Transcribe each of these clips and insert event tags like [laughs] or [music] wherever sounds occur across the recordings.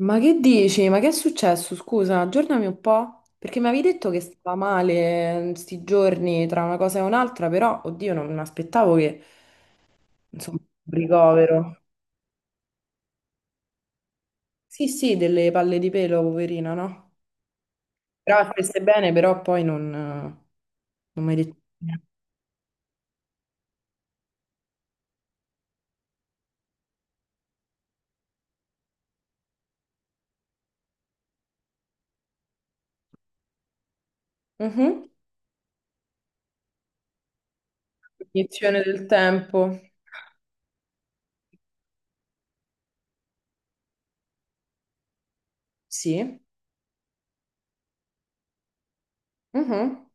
Ma che dici? Ma che è successo? Scusa, aggiornami un po', perché mi avevi detto che stava male sti giorni tra una cosa e un'altra, però, oddio, non mi aspettavo che, insomma, un ricovero. Sì, sì, delle palle di pelo, poverina, no? Però stesse bene, però poi non, non mi hai detto niente. Mhm. Cognizione del tempo. Sì. Mhm.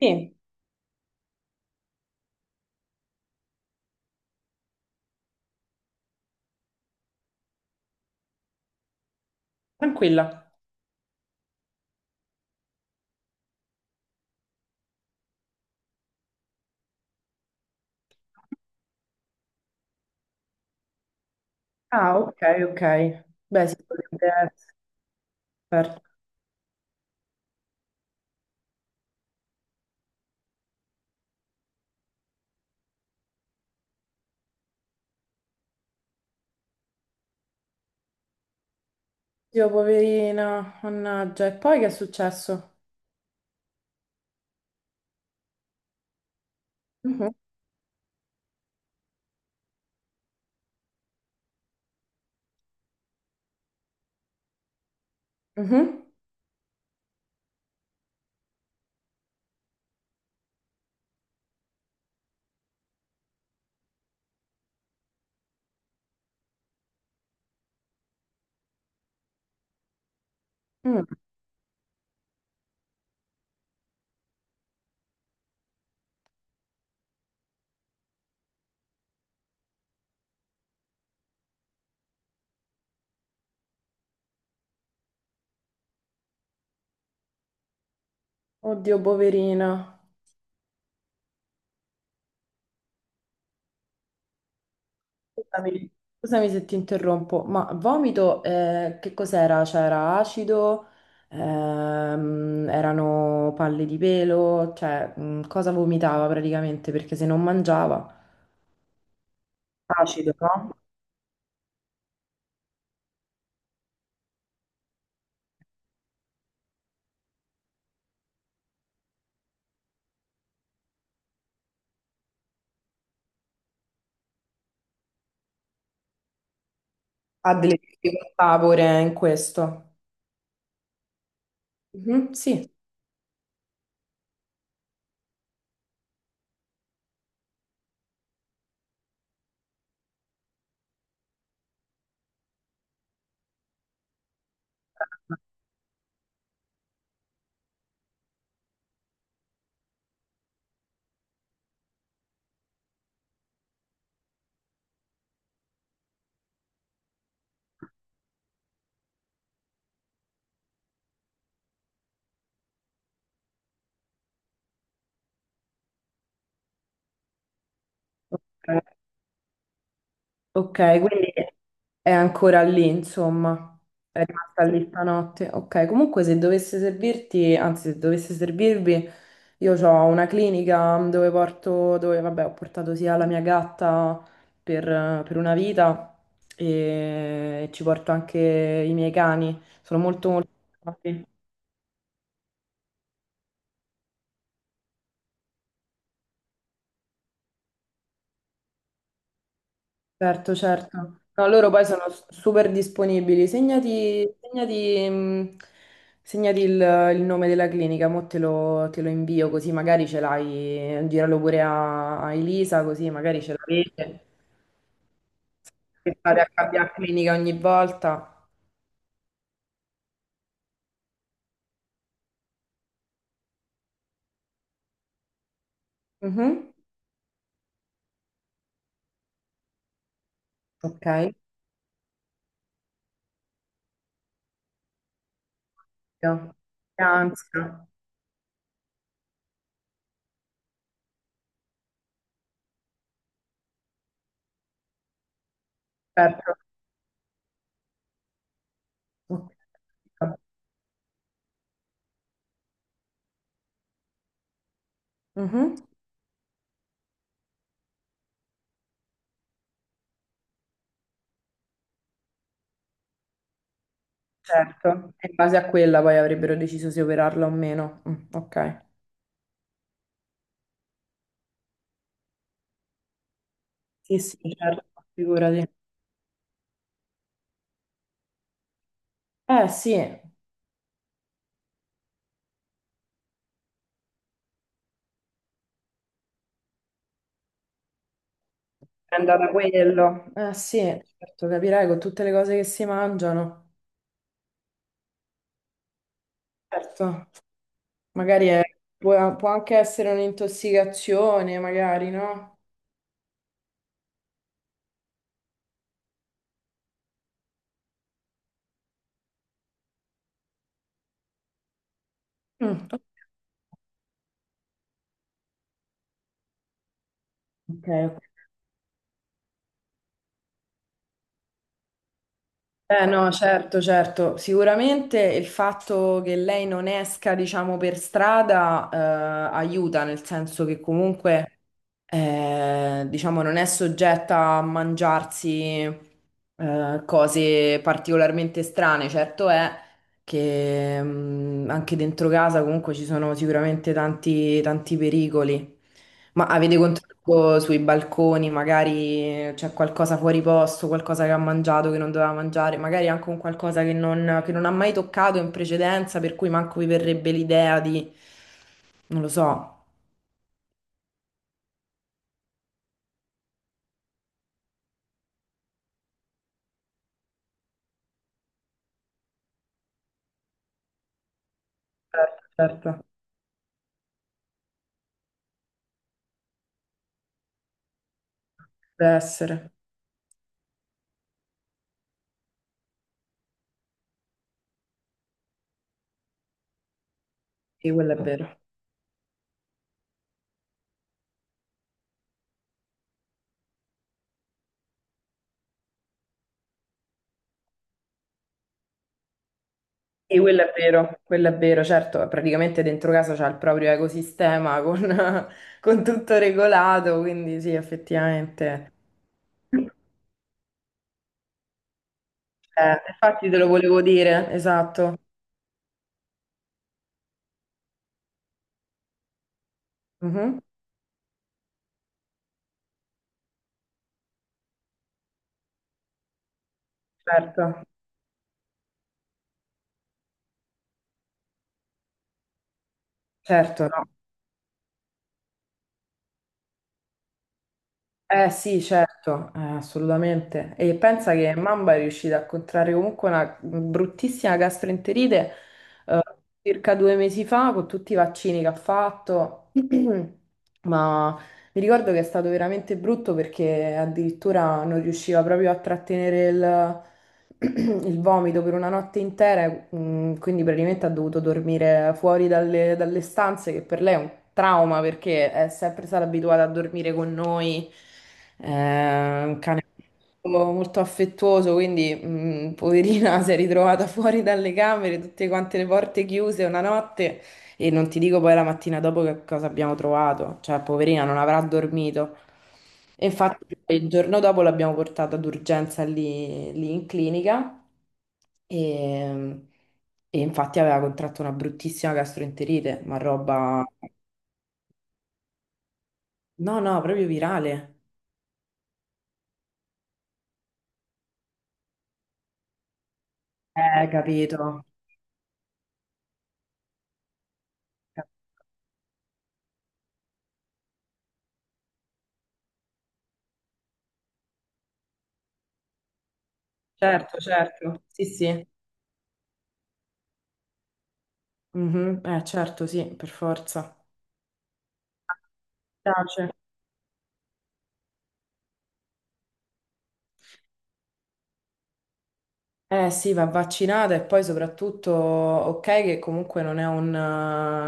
Sì, tranquilla. Ah, ok, ok. Beh, sì, potrebbe essere. Dio, poverina, mannaggia. E poi che è successo? Mhm, mhm, mm. Oddio, poverina. Scusami, scusami se ti interrompo, ma vomito, che cos'era? C'era acido, erano palle di pelo, cioè, cosa vomitava praticamente? Perché se non mangiava, acido, no? Ha delle difficoltà pure in questo. Mhm, sì. Ok, ok, quindi è ancora lì, insomma. È rimasta lì stanotte. Ok, comunque se dovesse servirti, anzi se dovesse servirvi, io ho una clinica dove porto, dove vabbè ho portato sia la mia gatta per, per una vita e ci porto anche i miei cani. Sono molto molto... Certo, certo. No, loro poi sono super disponibili. Segnati, segnati, segnati il nome della clinica, mo te lo invio così magari ce l'hai, giralo pure a, a Elisa così magari ce l'avete, che fate a cambiare clinica ogni volta. Mhm. Ok. Io. Ansia, certo. Ok. Mhm. Certo, e in base a quella poi avrebbero deciso se operarla o meno. Mm, ok. Sì, sì, certo, figurati. Eh sì, eh, è andata quello. Sì, certo, capirai con tutte le cose che si mangiano. Certo, magari è- può, può anche essere un'intossicazione, magari, no? Mm, ok, ok. Eh no, certo, certo. Sicuramente il fatto che lei non esca, diciamo, per strada, aiuta, nel senso che comunque, diciamo, non è soggetta a mangiarsi cose particolarmente strane. Certo è che anche dentro casa comunque ci sono sicuramente tanti, tanti pericoli. Ma avete sì, controllo sui balconi, magari c'è qualcosa fuori posto, qualcosa che ha mangiato che non doveva mangiare, magari anche un qualcosa che non ha mai toccato in precedenza, per cui manco vi verrebbe l'idea di... Non lo so. Certo, certo, deve essere. Sì, quello è vero. Sì, quello è vero, certo, praticamente dentro casa c'è il proprio ecosistema con, [laughs] con tutto regolato, quindi sì, effettivamente. Infatti te lo volevo dire, esatto. Mhm, certo, certo, no. Eh sì, certo, assolutamente. E pensa che Mamba è riuscita a contrarre comunque una bruttissima gastroenterite eh, circa 2 mesi fa con tutti i vaccini che ha fatto, [clears throat] ma mi ricordo che è stato veramente brutto perché addirittura non riusciva proprio a trattenere il, [clears throat] il vomito per una notte intera, quindi praticamente ha dovuto dormire fuori dalle, dalle stanze, che per lei è un trauma perché è sempre stata abituata a dormire con noi, è un cane molto molto affettuoso, quindi poverina [laughs] si è ritrovata fuori dalle camere, tutte quante le porte chiuse una notte. E non ti dico poi la mattina dopo che cosa abbiamo trovato, cioè poverina non avrà dormito. E infatti il giorno dopo l'abbiamo portata d'urgenza lì, lì in clinica e, e infatti aveva contratto una bruttissima gastroenterite, ma roba... No, no, proprio virale. Capito. Certo, certo. Sì, sì. Mhm. Certo, sì, per forza. Tace. Eh sì, va vaccinata e poi soprattutto, ok, che comunque non è un,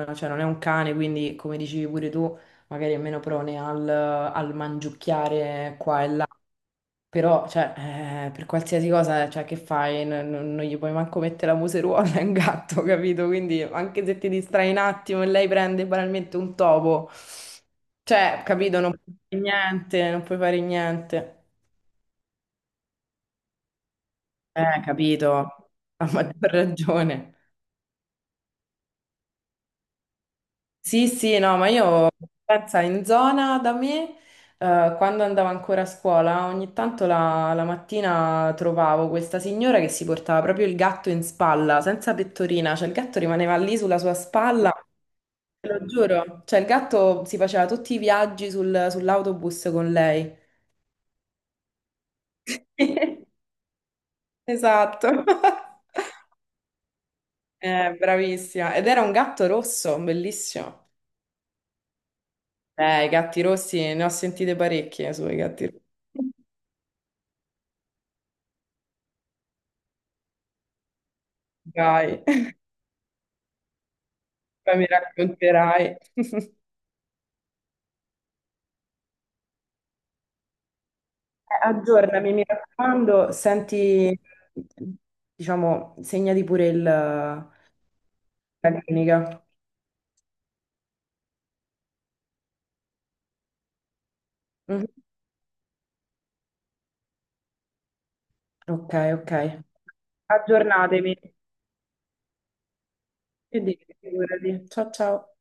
cioè non è un cane, quindi come dicevi pure tu, magari è meno prone al, al mangiucchiare qua e là, però cioè, per qualsiasi cosa cioè, che fai, non, non gli puoi manco mettere la museruola, è un gatto, [laughs] capito? Quindi anche se ti distrai un attimo e lei prende banalmente un topo, cioè, capito, non puoi fare niente, non puoi fare niente. Capito, a maggior ragione. Sì, sì, no, ma io pensa in zona da me, quando andavo ancora a scuola, ogni tanto la, la mattina trovavo questa signora che si portava proprio il gatto in spalla, senza pettorina, cioè il gatto rimaneva lì sulla sua spalla, te lo giuro, cioè il gatto si faceva tutti i viaggi sull'autobus con lei. [laughs] Esatto. [laughs] Bravissima. Ed era un gatto rosso, bellissimo. I gatti rossi, ne ho sentite parecchie sui gatti rossi. Dai. Poi mi racconterai. [laughs] Aggiornami, mi raccomando, senti, diciamo, segnati pure il, la clinica. Mhm. Ok, ok. Aggiornatemi. E dite, figurati. Ciao, ciao.